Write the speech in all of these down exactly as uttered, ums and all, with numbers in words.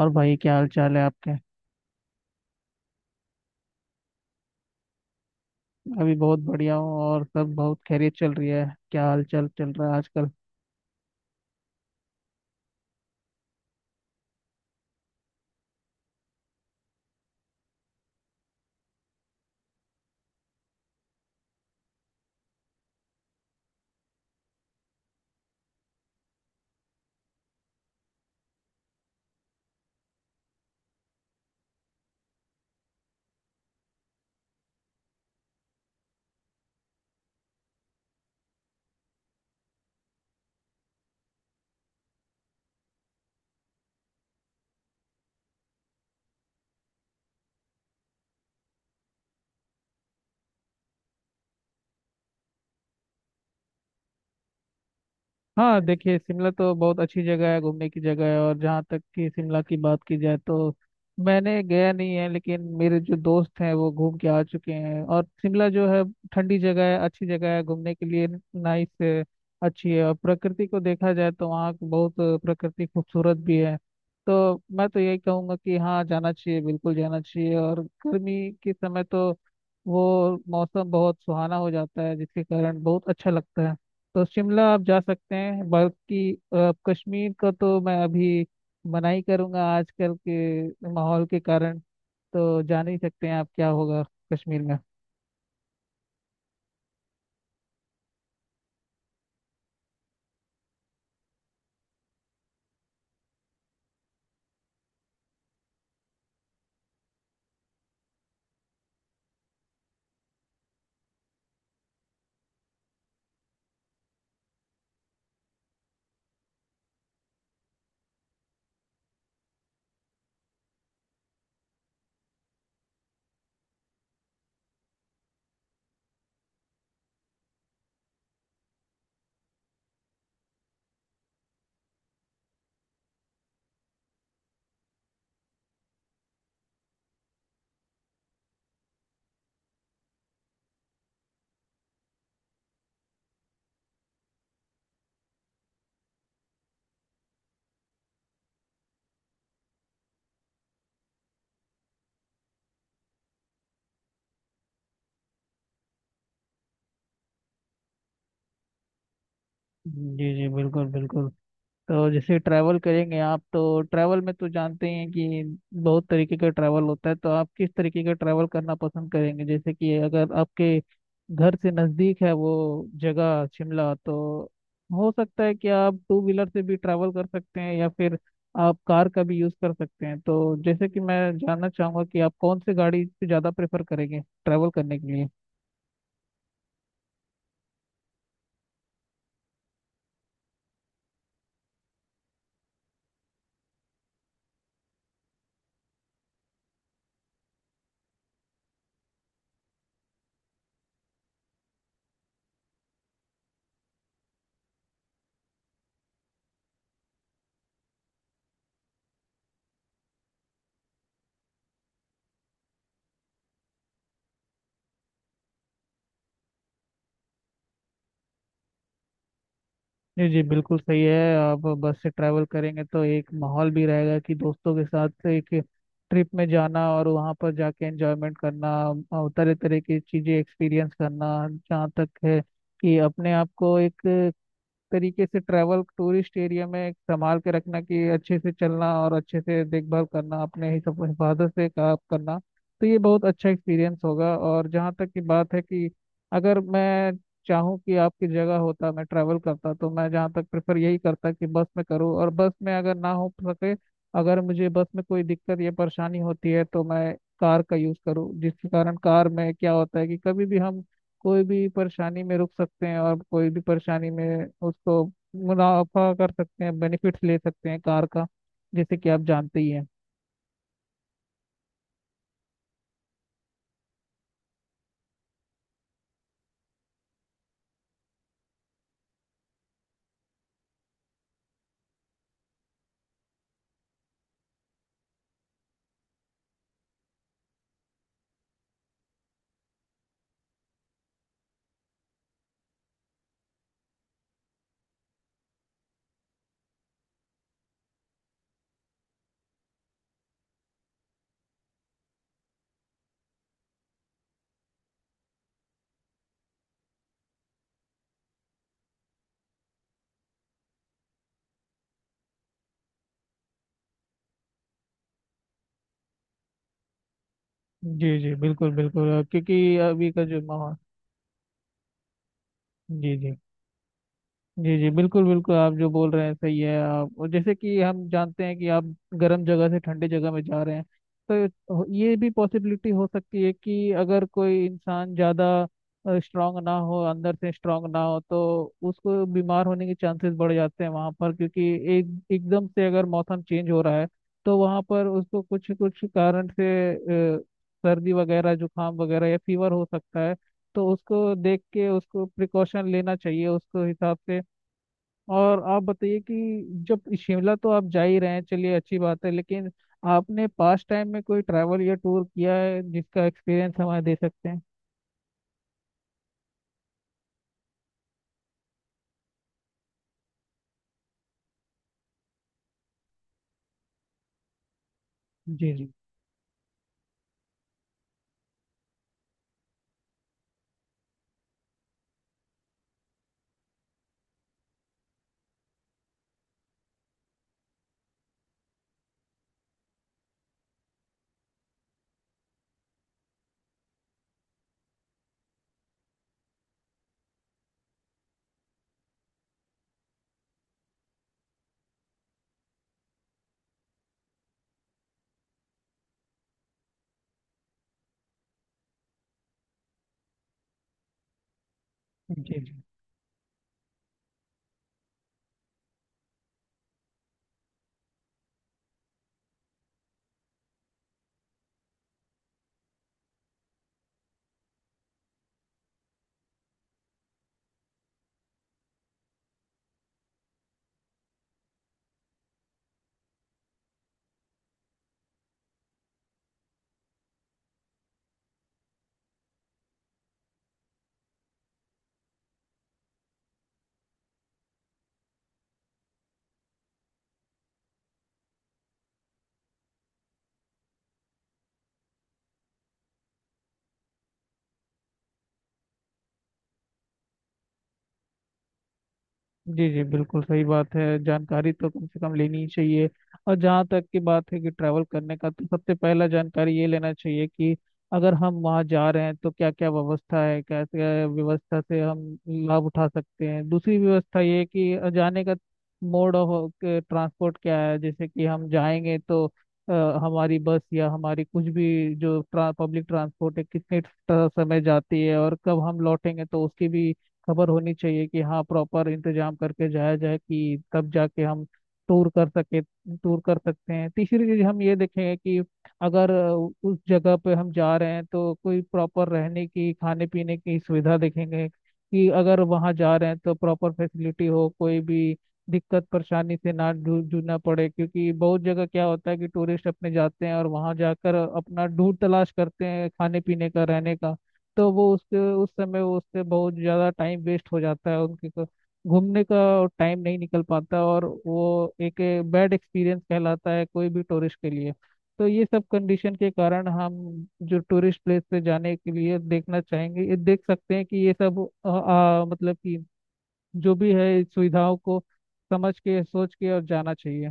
और भाई क्या हाल चाल है आपके। अभी बहुत बढ़िया हूँ और सब बहुत खैरियत चल रही है। क्या हाल चाल चल रहा है आजकल। हाँ देखिए, शिमला तो बहुत अच्छी जगह है, घूमने की जगह है। और जहाँ तक कि शिमला की बात की जाए तो मैंने गया नहीं है, लेकिन मेरे जो दोस्त हैं वो घूम के आ चुके हैं। और शिमला जो है, ठंडी जगह है, अच्छी जगह है घूमने के लिए। नाइस है, अच्छी है। और प्रकृति को देखा जाए तो वहाँ की बहुत प्रकृति खूबसूरत भी है। तो मैं तो यही कहूँगा कि हाँ जाना चाहिए, बिल्कुल जाना चाहिए। और गर्मी के समय तो वो मौसम बहुत सुहाना हो जाता है, जिसके कारण बहुत अच्छा लगता है। तो शिमला आप जा सकते हैं, बल्कि अ, कश्मीर का तो मैं अभी मना ही करूँगा आजकल के माहौल के कारण। तो जान ही सकते हैं आप क्या होगा कश्मीर में। जी जी बिल्कुल बिल्कुल। तो जैसे ट्रैवल करेंगे आप, तो ट्रैवल में तो जानते ही हैं कि बहुत तरीके का ट्रैवल होता है। तो आप किस तरीके का ट्रैवल करना पसंद करेंगे? जैसे कि अगर आपके घर से नज़दीक है वो जगह शिमला, तो हो सकता है कि आप टू व्हीलर से भी ट्रैवल कर सकते हैं, या फिर आप कार का भी यूज़ कर सकते हैं। तो जैसे कि मैं जानना चाहूँगा कि आप कौन सी गाड़ी से ज़्यादा प्रेफर करेंगे ट्रैवल करने के लिए। जी जी बिल्कुल सही है। आप बस से ट्रैवल करेंगे तो एक माहौल भी रहेगा कि दोस्तों के साथ एक ट्रिप में जाना और वहाँ पर जाके एंजॉयमेंट करना और तरह तरह की चीज़ें एक्सपीरियंस करना। जहाँ तक है कि अपने आप को एक तरीके से ट्रैवल टूरिस्ट एरिया में एक संभाल के रखना कि अच्छे से चलना और अच्छे से देखभाल करना, अपने ही सब हिफाजत से काम करना। तो ये बहुत अच्छा एक्सपीरियंस होगा। और जहाँ तक की बात है कि अगर मैं चाहूँ कि आपकी जगह होता मैं ट्रैवल करता, तो मैं जहाँ तक प्रेफर यही करता कि बस में करूँ, और बस में अगर ना हो सके, अगर मुझे बस में कोई दिक्कत या परेशानी होती है, तो मैं कार का यूज़ करूँ। जिसके कारण कार में क्या होता है कि कभी भी हम कोई भी परेशानी में रुक सकते हैं, और कोई भी परेशानी में उसको मुनाफा कर सकते हैं, बेनिफिट्स ले सकते हैं कार का, जैसे कि आप जानते ही हैं। जी जी बिल्कुल बिल्कुल, अ, क्योंकि अभी का जो माहौल। जी जी। जी जी बिल्कुल बिल्कुल, आप जो बोल रहे हैं सही है आप। और जैसे कि हम जानते हैं कि आप गर्म जगह से ठंडे जगह में जा रहे हैं, तो हो- ये भी पॉसिबिलिटी हो सकती है कि अगर कोई इंसान ज़्यादा स्ट्रांग ना हो, अंदर से स्ट्रांग ना हो, तो उसको बीमार होने के चांसेस बढ़ जाते हैं वहाँ पर। क्योंकि एक एकदम से अगर मौसम चेंज हो रहा है, तो वहाँ पर उसको कुछ कुछ कारण से अ, सर्दी वगैरह, जुकाम वगैरह या फीवर हो सकता है। तो उसको देख के उसको प्रिकॉशन लेना चाहिए उसको हिसाब से। और आप बताइए कि जब शिमला तो आप जा ही रहे हैं, चलिए अच्छी बात है, लेकिन आपने पास्ट टाइम में कोई ट्रैवल या टूर किया है जिसका एक्सपीरियंस हमें दे सकते हैं? जी जी। जी जी। जी जी बिल्कुल सही बात है, जानकारी तो कम से कम लेनी ही चाहिए। और जहाँ तक की बात है कि ट्रैवल करने का, तो सबसे पहला जानकारी ये लेना चाहिए कि अगर हम वहाँ जा रहे हैं तो क्या क्या व्यवस्था है, कैसे व्यवस्था से हम लाभ उठा सकते हैं। दूसरी व्यवस्था ये है कि जाने का मोड ऑफ ट्रांसपोर्ट क्या है। जैसे कि हम जाएंगे तो अ, हमारी बस या हमारी कुछ भी जो पब्लिक ट्रांसपोर्ट है कितने ट- समय जाती है और कब हम लौटेंगे, तो उसकी भी खबर होनी चाहिए कि हाँ प्रॉपर इंतजाम करके जाया जाए, कि तब जाके हम टूर कर सके टूर कर सकते हैं। तीसरी चीज हम ये देखेंगे कि अगर अ, उस जगह पे हम जा रहे हैं तो कोई प्रॉपर रहने की, खाने पीने की सुविधा देखेंगे कि अगर वहाँ जा रहे हैं तो प्रॉपर फैसिलिटी हो, कोई भी दिक्कत परेशानी से ना जू- जूझना पड़े। क्योंकि बहुत जगह क्या होता है कि टूरिस्ट अपने जाते हैं और वहाँ जाकर अपना ढूंढ तलाश करते हैं खाने पीने का, रहने का। तो वो उससे उस समय वो उससे बहुत ज़्यादा टाइम वेस्ट हो जाता है उनके को, घूमने का टाइम नहीं निकल पाता, और वो एक बैड एक्सपीरियंस कहलाता है कोई भी टूरिस्ट के लिए। तो ये सब कंडीशन के कारण हम जो टूरिस्ट प्लेस पे जाने के लिए देखना चाहेंगे, ये देख सकते हैं कि ये सब आ, आ, मतलब कि जो भी है इस सुविधाओं को समझ के, सोच के और जाना चाहिए।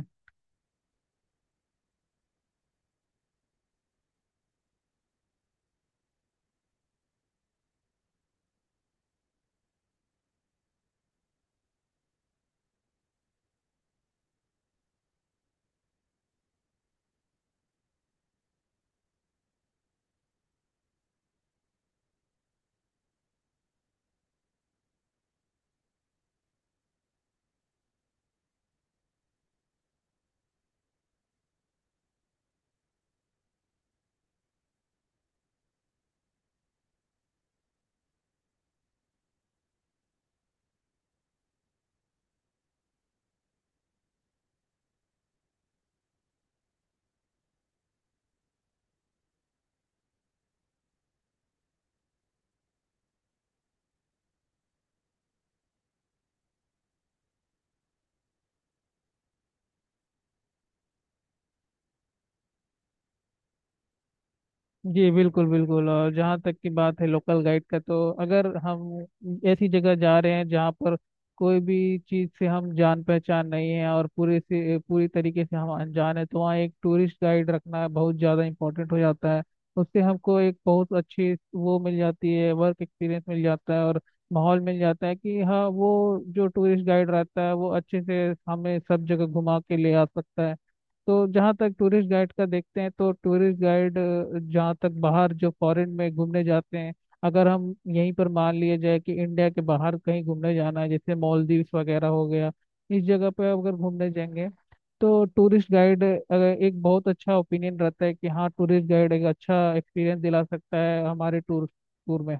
जी बिल्कुल बिल्कुल। और जहाँ तक की बात है लोकल गाइड का, तो अगर हम ऐसी जगह जा रहे हैं जहाँ पर कोई भी चीज़ से हम जान पहचान नहीं है और पूरे से पूरी तरीके से हम अनजान है, तो वहाँ एक टूरिस्ट गाइड रखना बहुत ज़्यादा इम्पोर्टेंट हो जाता है। उससे हमको एक बहुत अच्छी वो मिल जाती है, वर्क एक्सपीरियंस मिल जाता है और माहौल मिल जाता है कि हाँ वो जो टूरिस्ट गाइड रहता है वो अच्छे से हमें सब जगह घुमा के ले आ सकता है। तो जहाँ तक टूरिस्ट गाइड का देखते हैं, तो टूरिस्ट गाइड जहाँ तक बाहर जो फॉरेन में घूमने जाते हैं, अगर हम यहीं पर मान लिया जाए कि इंडिया के बाहर कहीं घूमने जाना है, जैसे मालदीव्स वगैरह हो गया, इस जगह पे अगर घूमने जाएंगे, तो टूरिस्ट गाइड अगर, एक बहुत अच्छा ओपिनियन रहता है कि हाँ टूरिस्ट गाइड एक अच्छा एक्सपीरियंस दिला सकता है हमारे टूर टूर में।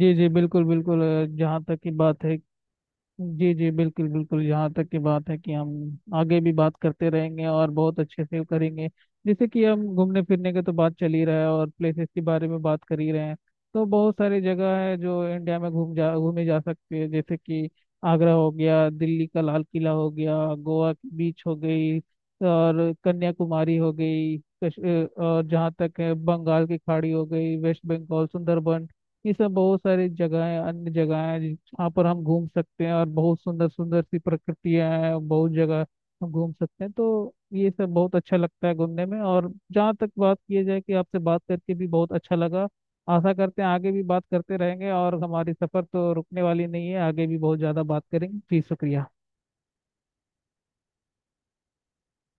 जी जी बिल्कुल बिल्कुल, अ, जहाँ तक की बात है। जी जी बिल्कुल बिल्कुल, यहाँ तक की बात है कि हम आगे भी बात करते रहेंगे और बहुत अच्छे से करेंगे। जैसे कि हम घूमने फिरने की तो बात चल ही रहा है और प्लेसेस के बारे में बात कर ही रहे हैं, तो बहुत सारी जगह है जो इंडिया में घूम जा घूमे जा सकती है। जैसे कि आगरा हो गया, दिल्ली का लाल किला हो गया, गोवा की बीच हो गई और कन्याकुमारी हो गई, कश, अ, और जहाँ तक है बंगाल की खाड़ी हो गई, वेस्ट बंगाल सुंदरबन। ये सब बहुत सारी जगह है, अन्य जगह है वहाँ पर हम घूम सकते हैं, और बहुत सुंदर सुंदर सी प्रकृतियाँ हैं, बहुत जगह हम घूम सकते हैं। तो ये सब बहुत अच्छा लगता है घूमने में। और जहाँ तक बात किया जाए कि आपसे बात करके भी बहुत अच्छा लगा, आशा करते हैं आगे भी बात करते रहेंगे, और हमारी सफ़र तो रुकने वाली नहीं है, आगे भी बहुत ज़्यादा बात करेंगे। जी शुक्रिया।